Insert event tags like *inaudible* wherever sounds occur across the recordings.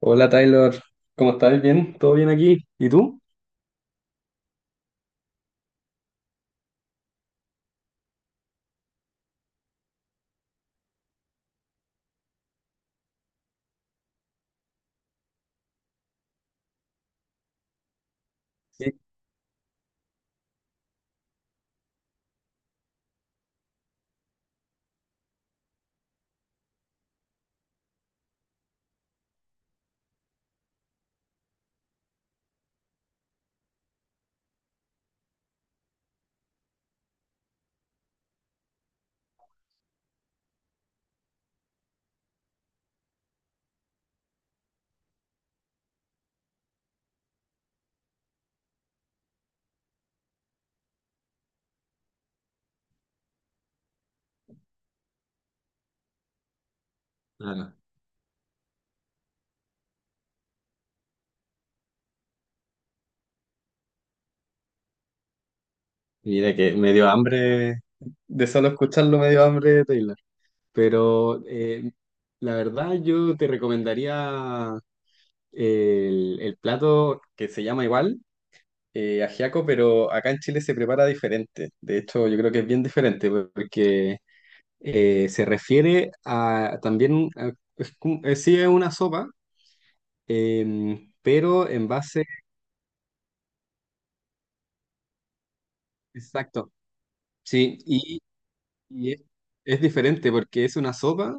Hola Taylor, ¿cómo estás? ¿Bien? ¿Todo bien aquí? ¿Y tú? Sí. Ah, mira que me dio hambre. De solo escucharlo me dio hambre de Taylor. Pero la verdad yo te recomendaría el plato que se llama igual, ajiaco, pero acá en Chile se prepara diferente. De hecho, yo creo que es bien diferente porque se refiere a también, a- es, como- sí es una sopa, pero en base, exacto. Sí, y es diferente porque es una sopa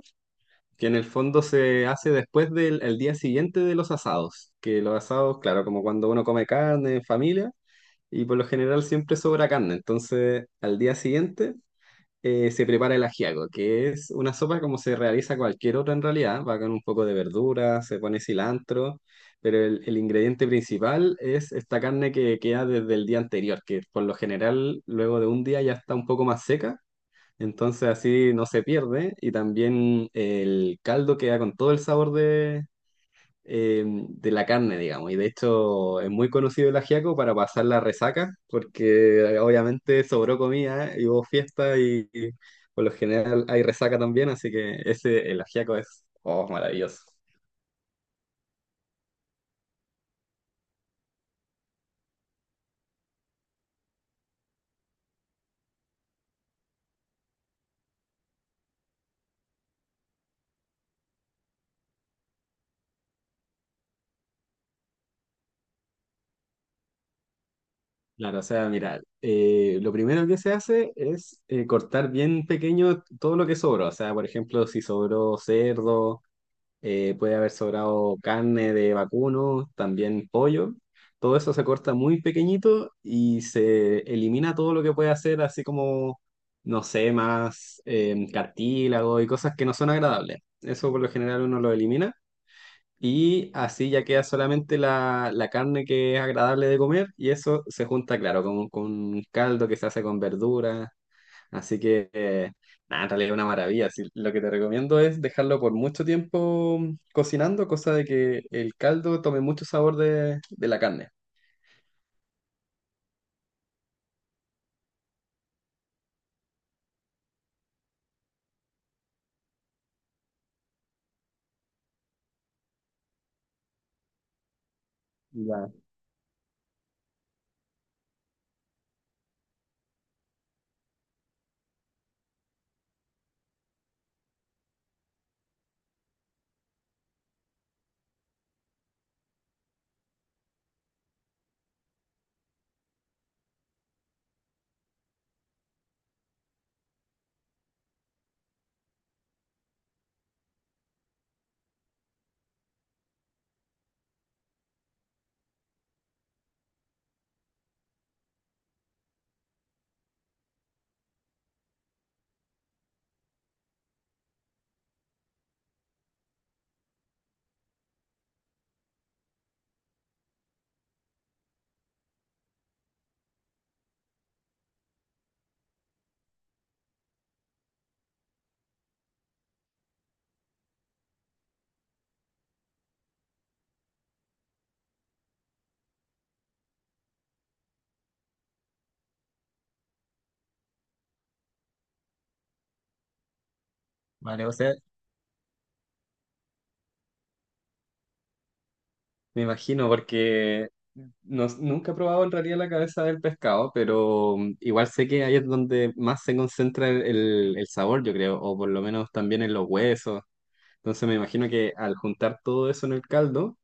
que en el fondo se hace después del el día siguiente de los asados, que los asados, claro, como cuando uno come carne en familia, y por lo general siempre sobra carne, entonces al día siguiente se prepara el ajiaco, que es una sopa como se realiza cualquier otra en realidad, va con un poco de verdura, se pone cilantro, pero el ingrediente principal es esta carne que queda desde el día anterior, que por lo general luego de un día ya está un poco más seca, entonces así no se pierde y también el caldo queda con todo el sabor de la carne, digamos. Y de hecho es muy conocido el ajiaco para pasar la resaca, porque obviamente sobró comida y hubo fiesta y por lo general hay resaca también, así que ese, el ajiaco es, oh, maravilloso. Claro, o sea, mira, lo primero que se hace es cortar bien pequeño todo lo que sobró. O sea, por ejemplo, si sobró cerdo, puede haber sobrado carne de vacuno, también pollo. Todo eso se corta muy pequeñito y se elimina todo lo que puede hacer, así como, no sé, más cartílago y cosas que no son agradables. Eso por lo general uno lo elimina y así ya queda solamente la carne que es agradable de comer, y eso se junta, claro, con un caldo que se hace con verduras. Así que, nada, en realidad es una maravilla. Así, lo que te recomiendo es dejarlo por mucho tiempo cocinando, cosa de que el caldo tome mucho sabor de la carne. Ya. Vale, o sea, me imagino, porque no- nunca he probado en realidad la cabeza del pescado, pero mm, igual sé que ahí es donde más se concentra el sabor, yo creo, o por lo menos también en los huesos. Entonces me imagino que al juntar todo eso en el caldo,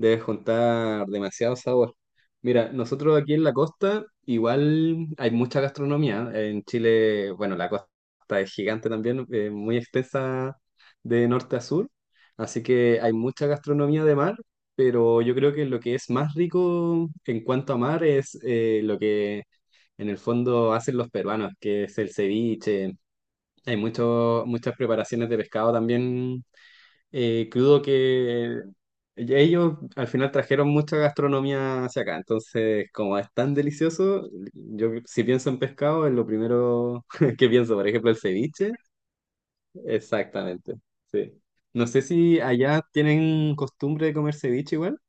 debes juntar demasiado sabor. Mira, nosotros aquí en la costa igual hay mucha gastronomía. En Chile, bueno, la costa es gigante también, muy extensa de norte a sur. Así que hay mucha gastronomía de mar, pero yo creo que lo que es más rico en cuanto a mar es lo que en el fondo hacen los peruanos, que es el ceviche. Hay mucho- muchas preparaciones de pescado también crudo, que ellos al final trajeron mucha gastronomía hacia acá, entonces como es tan delicioso, yo si pienso en pescado es lo primero *laughs* que pienso, por ejemplo el ceviche, exactamente, sí. No sé si allá tienen costumbre de comer ceviche igual.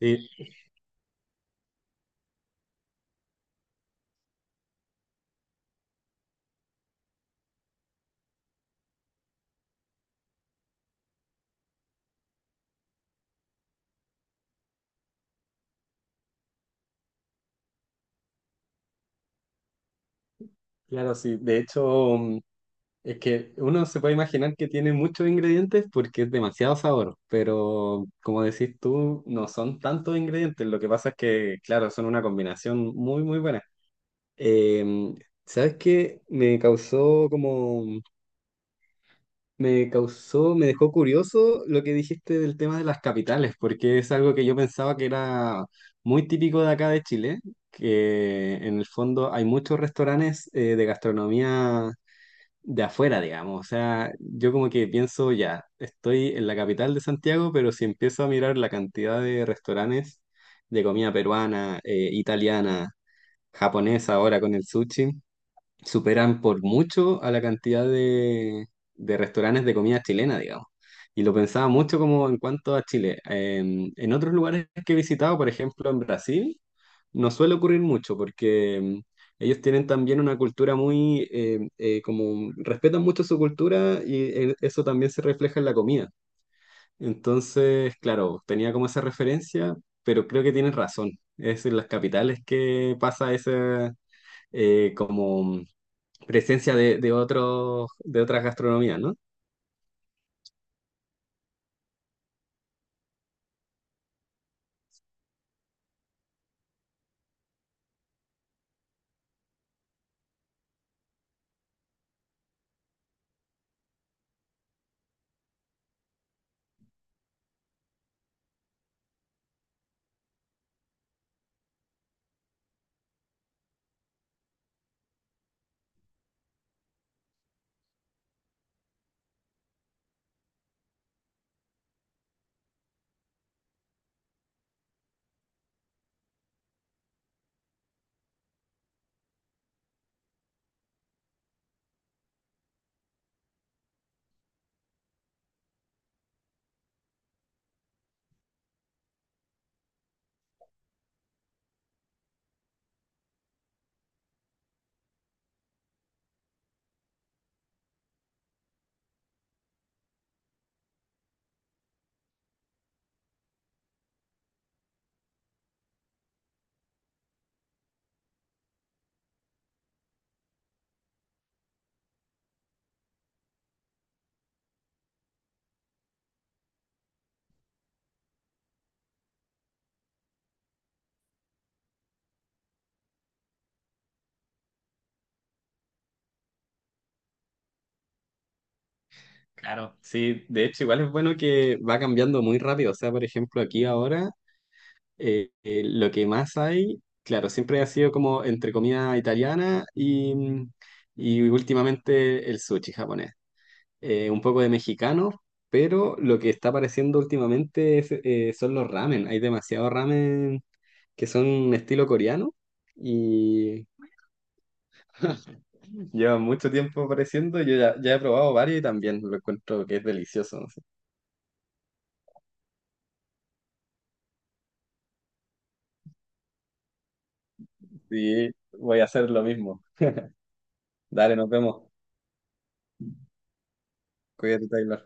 Sí, claro, sí, de hecho, es que uno se puede imaginar que tiene muchos ingredientes porque es demasiado sabor, pero como decís tú, no son tantos ingredientes. Lo que pasa es que, claro, son una combinación muy, muy buena. Em, ¿Sabes qué? Me causó como, me causó, me dejó curioso lo que dijiste del tema de las capitales, porque es algo que yo pensaba que era muy típico de acá de Chile, que en el fondo hay muchos restaurantes de gastronomía de afuera, digamos. O sea, yo como que pienso, ya, estoy en la capital de Santiago, pero si empiezo a mirar la cantidad de restaurantes de comida peruana, italiana, japonesa, ahora con el sushi, superan por mucho a la cantidad de restaurantes de comida chilena, digamos. Y lo pensaba mucho como en cuanto a Chile. En otros lugares que he visitado, por ejemplo en Brasil, no suele ocurrir mucho porque ellos tienen también una cultura muy, como respetan mucho su cultura y eso también se refleja en la comida. Entonces, claro, tenía como esa referencia, pero creo que tienes razón. Es en las capitales que pasa ese, como presencia de otros, de otras gastronomías, ¿no? Claro. Sí, de hecho, igual es bueno que va cambiando muy rápido. O sea, por ejemplo, aquí ahora lo que más hay, claro, siempre ha sido como entre comida italiana y, mm, y últimamente el sushi japonés. Un poco de mexicano, pero lo que está apareciendo últimamente es, son los ramen. Hay demasiado ramen que son estilo coreano y *laughs* lleva mucho tiempo apareciendo, yo ya, ya he probado varios y también lo encuentro que es delicioso. No sé. Sí, voy a hacer lo mismo. Dale, nos vemos. Cuídate, Taylor.